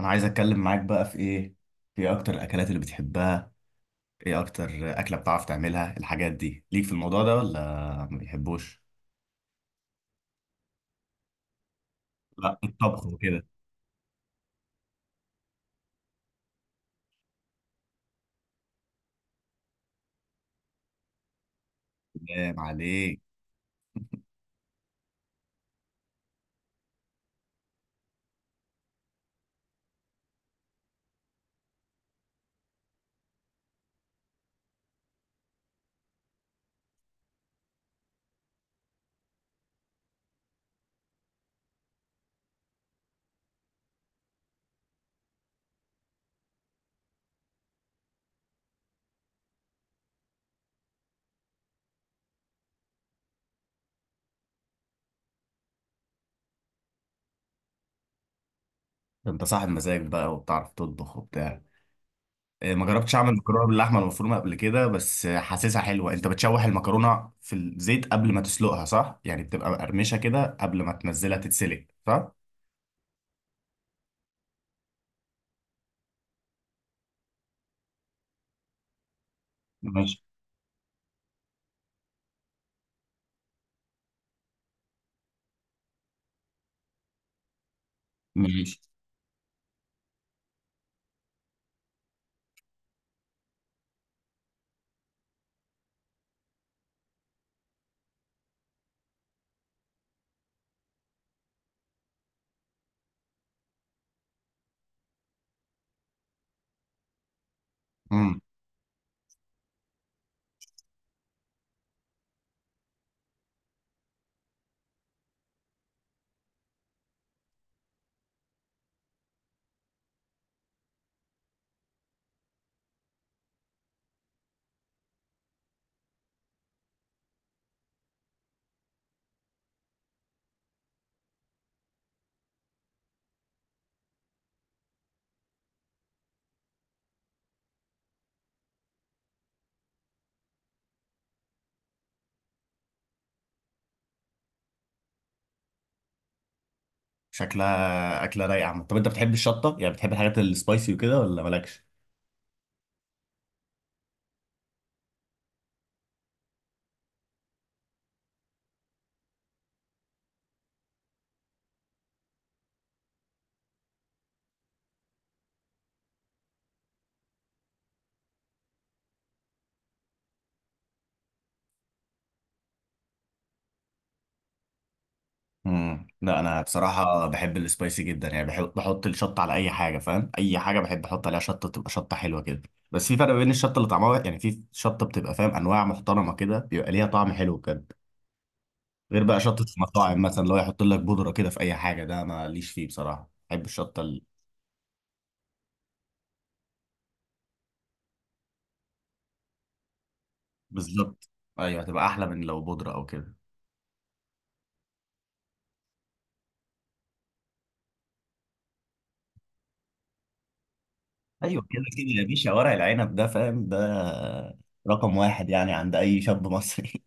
انا عايز اتكلم معاك بقى في ايه. في إيه اكتر الاكلات اللي بتحبها؟ ايه اكتر اكله بتعرف تعملها؟ الحاجات دي ليك في الموضوع ده ولا ما بيحبوش؟ لا، الطبخ وكده. سلام عليك. ده انت صاحب مزاج بقى وبتعرف تطبخ وبتاع. إيه، ما جربتش اعمل مكرونه باللحمه المفرومه قبل كده، بس حاسسها حلوه. انت بتشوح المكرونه في الزيت قبل ما تسلقها صح؟ يعني بتبقى مقرمشه كده قبل ما تنزلها تتسلق صح؟ ماشي. ماشي. مم. شكلها اكله رايقه عامة. طب انت بتحب الشطه؟ يعني بتحب الحاجات السبايسي وكده ولا مالكش؟ لا، انا بصراحه بحب السبايسي جدا، يعني بحب بحط الشطه على اي حاجه، فاهم اي حاجه بحب احط عليها شطه تبقى شطه حلوه كده. بس في فرق بين الشطه اللي طعمها، يعني في شطه بتبقى فاهم انواع محترمه كده بيبقى ليها طعم حلو بجد، غير بقى شطه المطاعم مثلا اللي هو يحط لك بودره كده في اي حاجه. ده ماليش فيه بصراحه، بحب الشطه بالظبط. ايوه، هتبقى احلى من لو بودره او كده. ايوه كده كده يا باشا، ورق العنب ده فاهم ده رقم واحد يعني عند اي شاب مصري.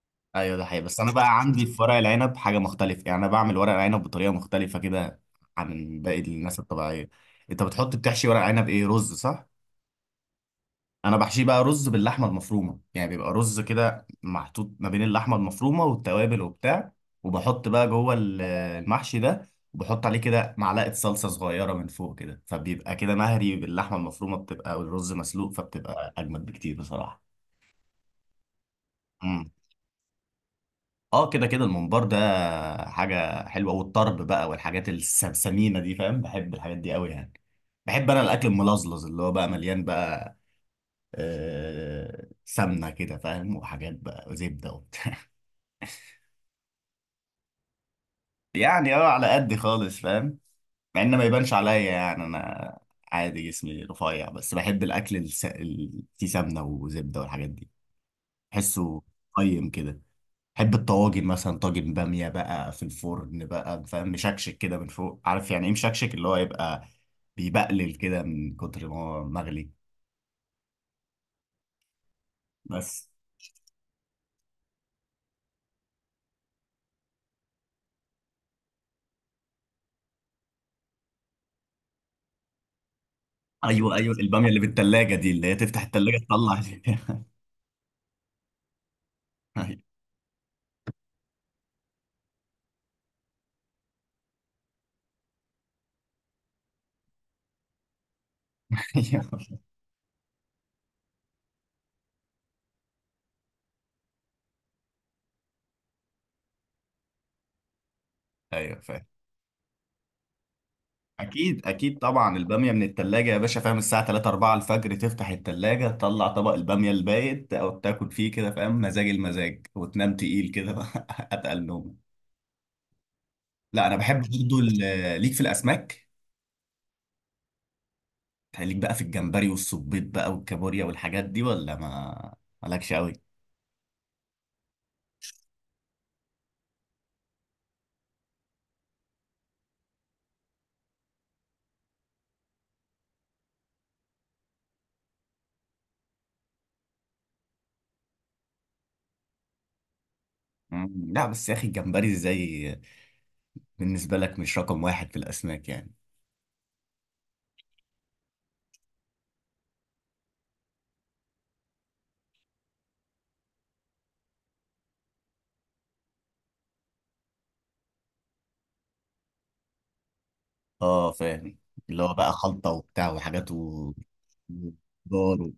ايوه ده حقيقي، بس انا بقى عندي في ورق العنب حاجه مختلفه، يعني انا بعمل ورق العنب بطريقه مختلفه كده عن باقي الناس الطبيعيه. انت بتحشي ورق عنب ايه، رز صح؟ انا بحشيه بقى رز باللحمه المفرومه، يعني بيبقى رز كده محطوط ما بين اللحمه المفرومه والتوابل وبتاع، وبحط بقى جوه المحشي ده، وبحط عليه كده معلقه صلصه صغيره من فوق كده، فبيبقى كده مهري باللحمه المفرومه بتبقى، والرز مسلوق، فبتبقى اجمد بكتير بصراحه. امم. اه كده كده، الممبار ده حاجه حلوه، والطرب بقى والحاجات السمينه دي فاهم، بحب الحاجات دي قوي يعني. بحب انا الاكل الملزلز اللي هو بقى مليان بقى آه، سمنه كده فاهم، وحاجات بقى وزبده وبتاع. يعني اه، على قد خالص فاهم. مع ان ما يبانش عليا، يعني انا عادي جسمي رفيع، بس بحب الاكل اللي فيه سمنه وزبده والحاجات دي. بحسه قيم كده. بحب الطواجن مثلا، طاجن باميه بقى في الفرن بقى فاهم، مشكشك كده من فوق. عارف يعني ايه مشكشك؟ اللي هو يبقى بيبقلل كده من كتر ما هو مغلي. بس ايوه ايوه، الباميه اللي بالتلاجة دي اللي هي تفتح التلاجة تطلع. ايوه ايوه فاهم. اكيد اكيد، طبعا الباميه من التلاجة يا باشا فاهم، الساعه 3 4 الفجر تفتح التلاجة تطلع طبق الباميه البايت او تاكل فيه كده فاهم، مزاج المزاج، وتنام تقيل كده بقى، اتقل نوم. لا انا بحب برضه ليك في الاسماك، ليك بقى في الجمبري والصبيط بقى والكابوريا والحاجات دي، ولا ما مالكش قوي؟ لا بس يا اخي الجمبري ازاي بالنسبه لك مش رقم واحد في الاسماك يعني؟ اه فاهم، اللي هو بقى خلطه وبتاع وحاجات وخضار.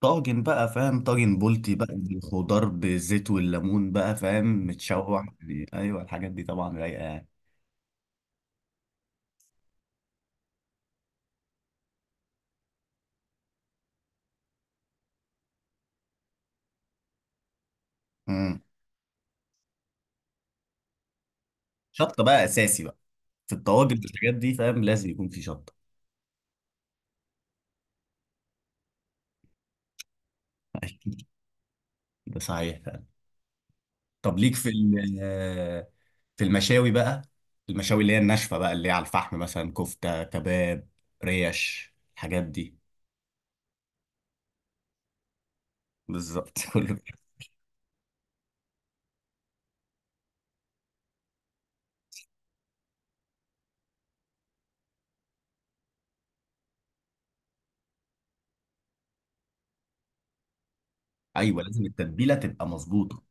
طاجن بقى فاهم، طاجن بولتي بقى مم. الخضار بالزيت والليمون بقى فاهم، متشوح يعني. ايوه الحاجات دي طبعا رايقه يعني. امم شطه بقى اساسي بقى في الطواجن والحاجات دي فاهم، لازم يكون في شطه. ده صحيح فاهم. طب ليك في في المشاوي بقى؟ المشاوي اللي هي الناشفه بقى، اللي هي على الفحم مثلا، كفته، كباب، ريش، الحاجات دي. بالظبط. كله. ايوه لازم التتبيله تبقى مظبوطه.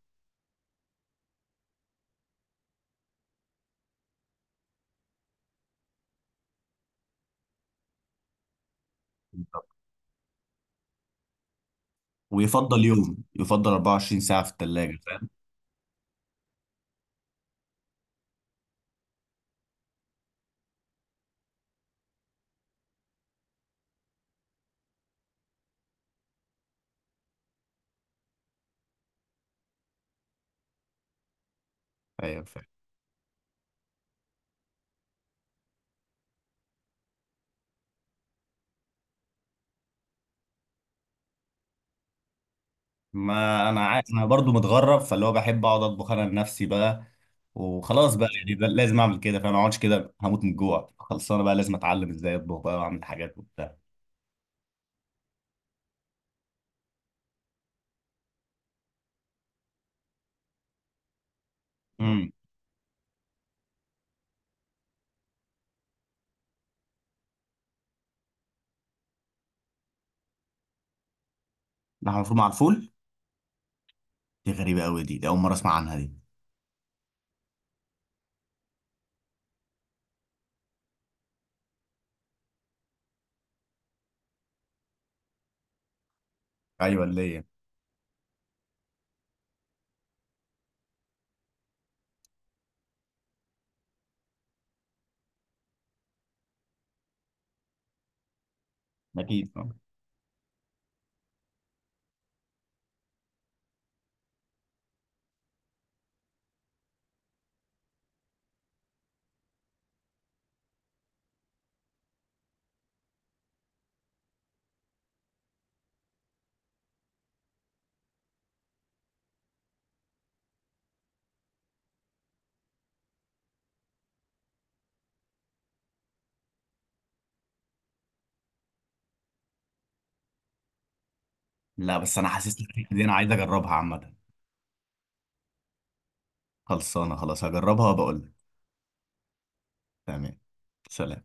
بالظبط. ويفضل يوم، يفضل 24 ساعه في الثلاجه فاهم. ايوه، ما انا عارف، انا برضو متغرب فاللي هو بحب اقعد اطبخ انا لنفسي بقى وخلاص بقى، يعني ده لازم اعمل كده، فانا ما اقعدش كده هموت من الجوع، خلصانه بقى لازم اتعلم ازاي اطبخ بقى واعمل حاجات وبتاع. امم لحمة مفرومة على الفول؟ دي غريبة قوي، دي أول مرة أسمع عنها دي. ايوه اللي هي. اكيد آه. لا بس أنا حاسس إن الفكرة دي أنا عايز أجربها عامة. خلصانة خلاص هجربها وبقول لك. تمام. سلام.